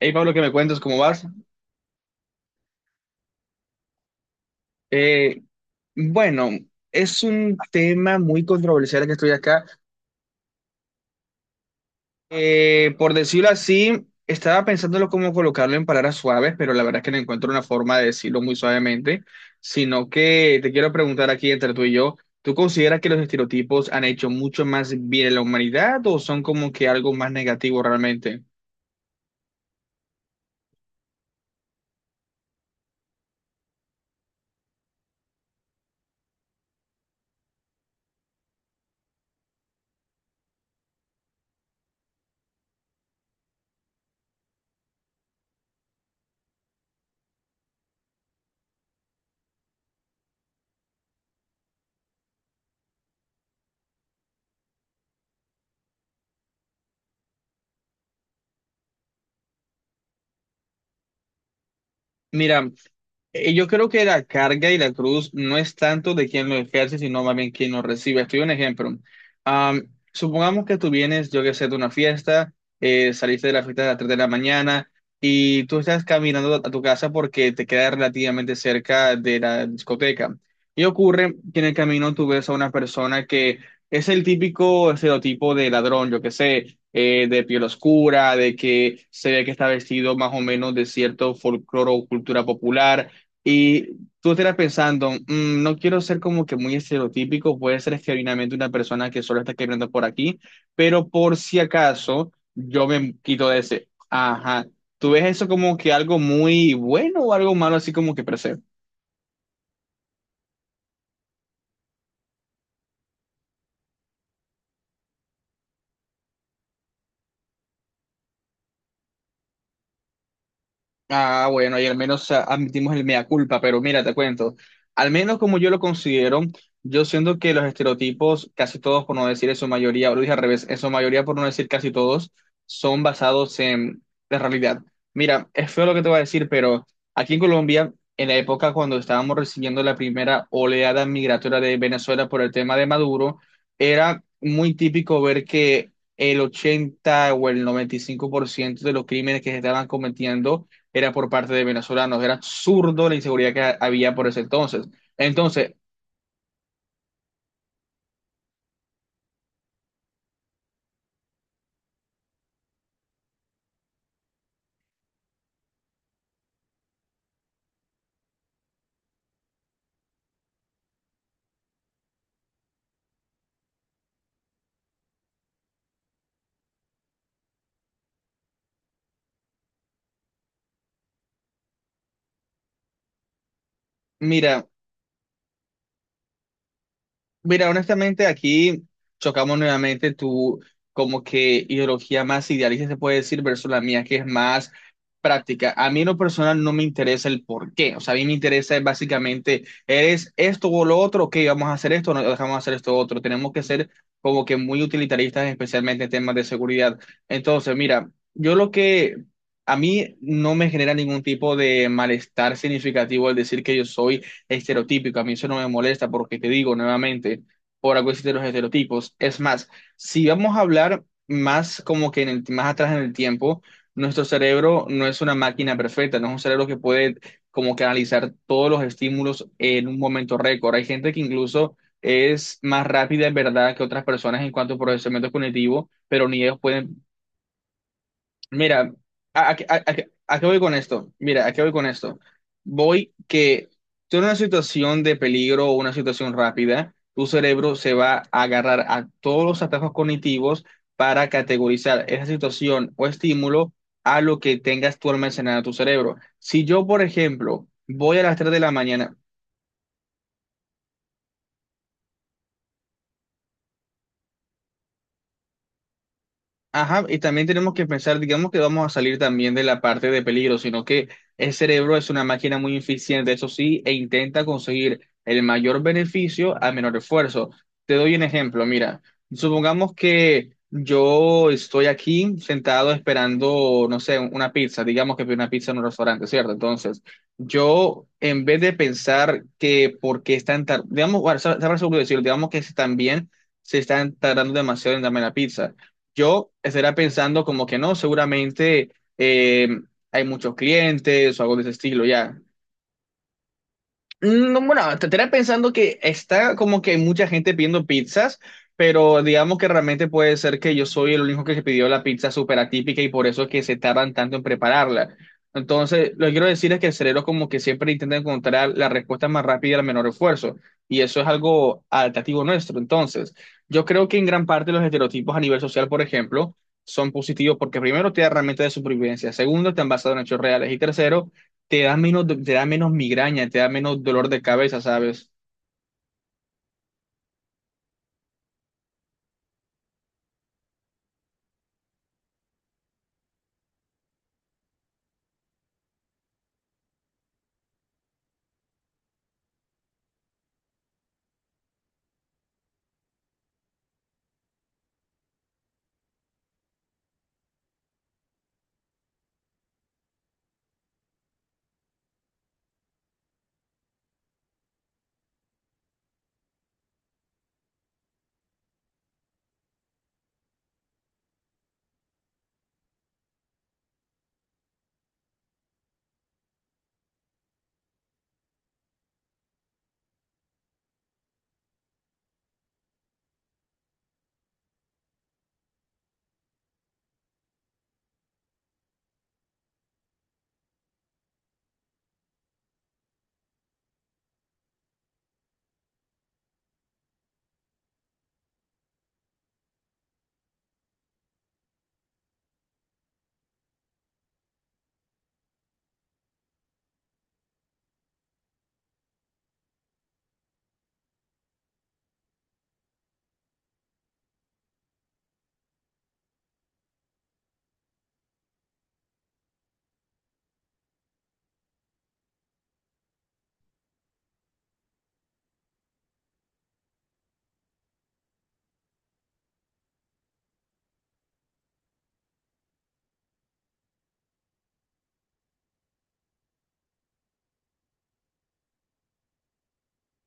Hey Pablo, ¿qué me cuentas? ¿Cómo vas? Eh, bueno, es un tema muy controversial que estoy acá. Por decirlo así, estaba pensándolo cómo colocarlo en palabras suaves, pero la verdad es que no encuentro una forma de decirlo muy suavemente, sino que te quiero preguntar aquí entre tú y yo, ¿tú consideras que los estereotipos han hecho mucho más bien a la humanidad o son como que algo más negativo realmente? Mira, yo creo que la carga y la cruz no es tanto de quien lo ejerce, sino más bien quien lo recibe. Estoy un ejemplo. Supongamos que tú vienes, yo que sé, de una fiesta, saliste de la fiesta a las 3 de la mañana y tú estás caminando a tu casa porque te queda relativamente cerca de la discoteca. Y ocurre que en el camino tú ves a una persona que es el típico estereotipo de ladrón, yo que sé, de piel oscura, de que se ve que está vestido más o menos de cierto folclore o cultura popular, y tú estarás pensando, "Mm, no quiero ser como que muy estereotípico, puede ser genuinamente una persona que solo está escribiendo por aquí, pero por si acaso yo me quito de ese." Ajá. ¿Tú ves eso como que algo muy bueno o algo malo así como que percibes? Ah, bueno, y al menos ah, admitimos el mea culpa, pero mira, te cuento, al menos como yo lo considero, yo siento que los estereotipos, casi todos por no decir en su mayoría, o lo dije al revés, en su mayoría por no decir casi todos, son basados en la realidad. Mira, es feo lo que te voy a decir, pero aquí en Colombia, en la época cuando estábamos recibiendo la primera oleada migratoria de Venezuela por el tema de Maduro, era muy típico ver que el 80 o el 95% de los crímenes que se estaban cometiendo era por parte de venezolanos, era absurdo la inseguridad que había por ese entonces. Entonces, mira, mira, honestamente aquí chocamos nuevamente tu como que ideología más idealista se puede decir versus la mía que es más práctica. A mí en lo personal no me interesa el por qué, o sea, a mí me interesa es básicamente, ¿eres esto o lo otro? Ok, vamos a hacer esto no dejamos de hacer esto otro. Tenemos que ser como que muy utilitaristas, especialmente en temas de seguridad. Entonces, mira, yo lo que... A mí no me genera ningún tipo de malestar significativo el decir que yo soy estereotípico. A mí eso no me molesta porque te digo nuevamente, por algo existen los estereotipos. Es más, si vamos a hablar más como que en el, más atrás en el tiempo, nuestro cerebro no es una máquina perfecta, no es un cerebro que puede como que analizar todos los estímulos en un momento récord. Hay gente que incluso es más rápida en verdad que otras personas en cuanto a procesamiento cognitivo, pero ni ellos pueden. Mira, ¿a, a, a- a- a qué voy con esto? Mira, ¿a qué voy con esto? Voy que tú en una situación de peligro o una situación rápida, tu cerebro se va a agarrar a todos los atajos cognitivos para categorizar esa situación o estímulo a lo que tengas tú almacenado en tu cerebro. Si yo, por ejemplo, voy a las 3 de la mañana, ajá, y también tenemos que pensar, digamos que vamos a salir también de la parte de peligro, sino que el cerebro es una máquina muy eficiente, eso sí, e intenta conseguir el mayor beneficio a menor esfuerzo. Te doy un ejemplo, mira, supongamos que yo estoy aquí sentado esperando, no sé, una pizza, digamos que pedí una pizza en un restaurante, ¿cierto? Entonces, yo en vez de pensar que por qué están tardando, digamos, bueno, sabrás seguro decirlo, digamos que también se están tardando demasiado en darme la pizza, yo estaría pensando como que no, seguramente eh, hay muchos clientes o algo de ese estilo, ya. No, bueno, te tenía pensando que está como que hay mucha gente pidiendo pizzas, pero digamos que realmente puede ser que yo soy el único que pidió la pizza súper atípica y por eso es que se tardan tanto en prepararla. Entonces, lo que quiero decir es que el cerebro como que siempre intenta encontrar la respuesta más rápida al menor esfuerzo, y eso es algo adaptativo nuestro. Entonces, yo creo que en gran parte los estereotipos a nivel social, por ejemplo, son positivos porque primero te da herramientas de supervivencia, segundo, te han basado en hechos reales y tercero, te da menos migraña, te da menos dolor de cabeza, ¿sabes?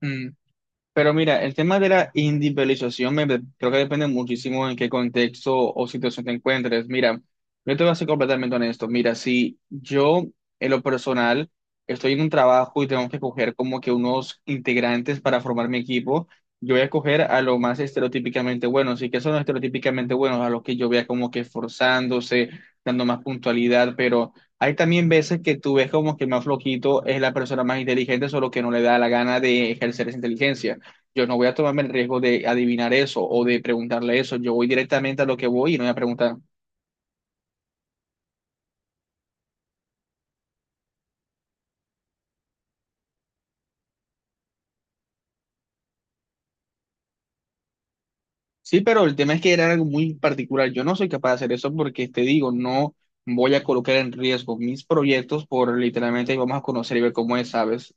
Mm. Pero mira, el tema de la individualización me, creo que depende muchísimo en qué contexto o situación te encuentres. Mira, yo te voy a ser completamente honesto. Mira, si yo en lo personal estoy en un trabajo y tengo que coger como que unos integrantes para formar mi equipo, yo voy a coger a lo más estereotípicamente buenos. ¿Y que son los estereotípicamente buenos? A los que yo vea como que esforzándose, dando más puntualidad, pero... Hay también veces que tú ves como que el más flojito es la persona más inteligente, solo que no le da la gana de ejercer esa inteligencia. Yo no voy a tomarme el riesgo de adivinar eso o de preguntarle eso. Yo voy directamente a lo que voy y no voy a preguntar. Sí, pero el tema es que era algo muy particular. Yo no soy capaz de hacer eso porque te digo, no voy a colocar en riesgo mis proyectos por literalmente vamos a conocer y ver cómo es, ¿sabes?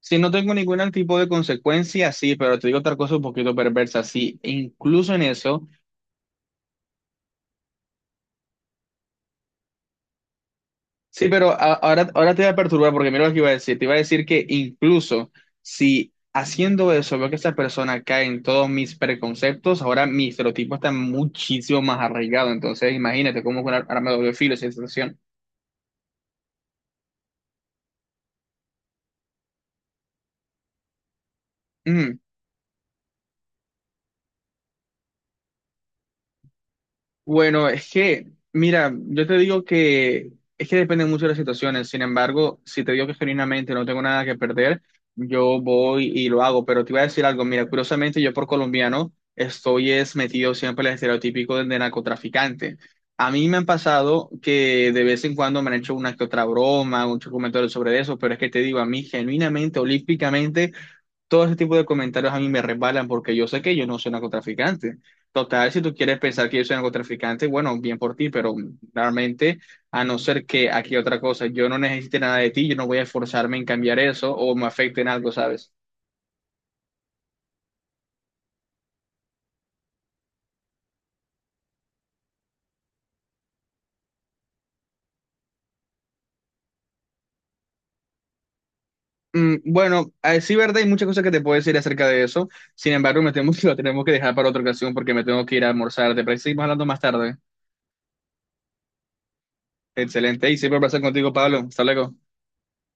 Si no tengo ningún tipo de consecuencia, sí, pero te digo otra cosa un poquito perversa. Sí, e incluso en eso. Sí, pero ahora, ahora te voy a perturbar porque mira lo que iba a decir. Te iba a decir que incluso si haciendo eso veo que esa persona cae en todos mis preconceptos, ahora mi estereotipo está muchísimo más arraigado. Entonces, imagínate cómo que ahora me doble filo esa situación. Bueno, es que, mira, yo te digo que es que depende mucho de las situaciones. Sin embargo, si te digo que genuinamente no tengo nada que perder, yo voy y lo hago. Pero te iba a decir algo, mira, curiosamente yo por colombiano estoy es metido siempre en el estereotipo de narcotraficante. A mí me han pasado que de vez en cuando me han hecho una que otra broma, un comentario sobre eso, pero es que te digo, a mí genuinamente, olímpicamente todo ese tipo de comentarios a mí me resbalan porque yo sé que yo no soy narcotraficante. Total, si tú quieres pensar que yo soy narcotraficante, bueno, bien por ti, pero realmente, a no ser que aquí otra cosa, yo no necesite nada de ti, yo no voy a esforzarme en cambiar eso o me afecte en algo, ¿sabes? Mm, bueno, sí, verdad, hay muchas cosas que te puedo decir acerca de eso. Sin embargo, me temo que lo tenemos que dejar para otra ocasión porque me tengo que ir a almorzar. ¿Te parece que seguimos hablando más tarde? Excelente, y siempre un placer contigo, Pablo. Hasta luego.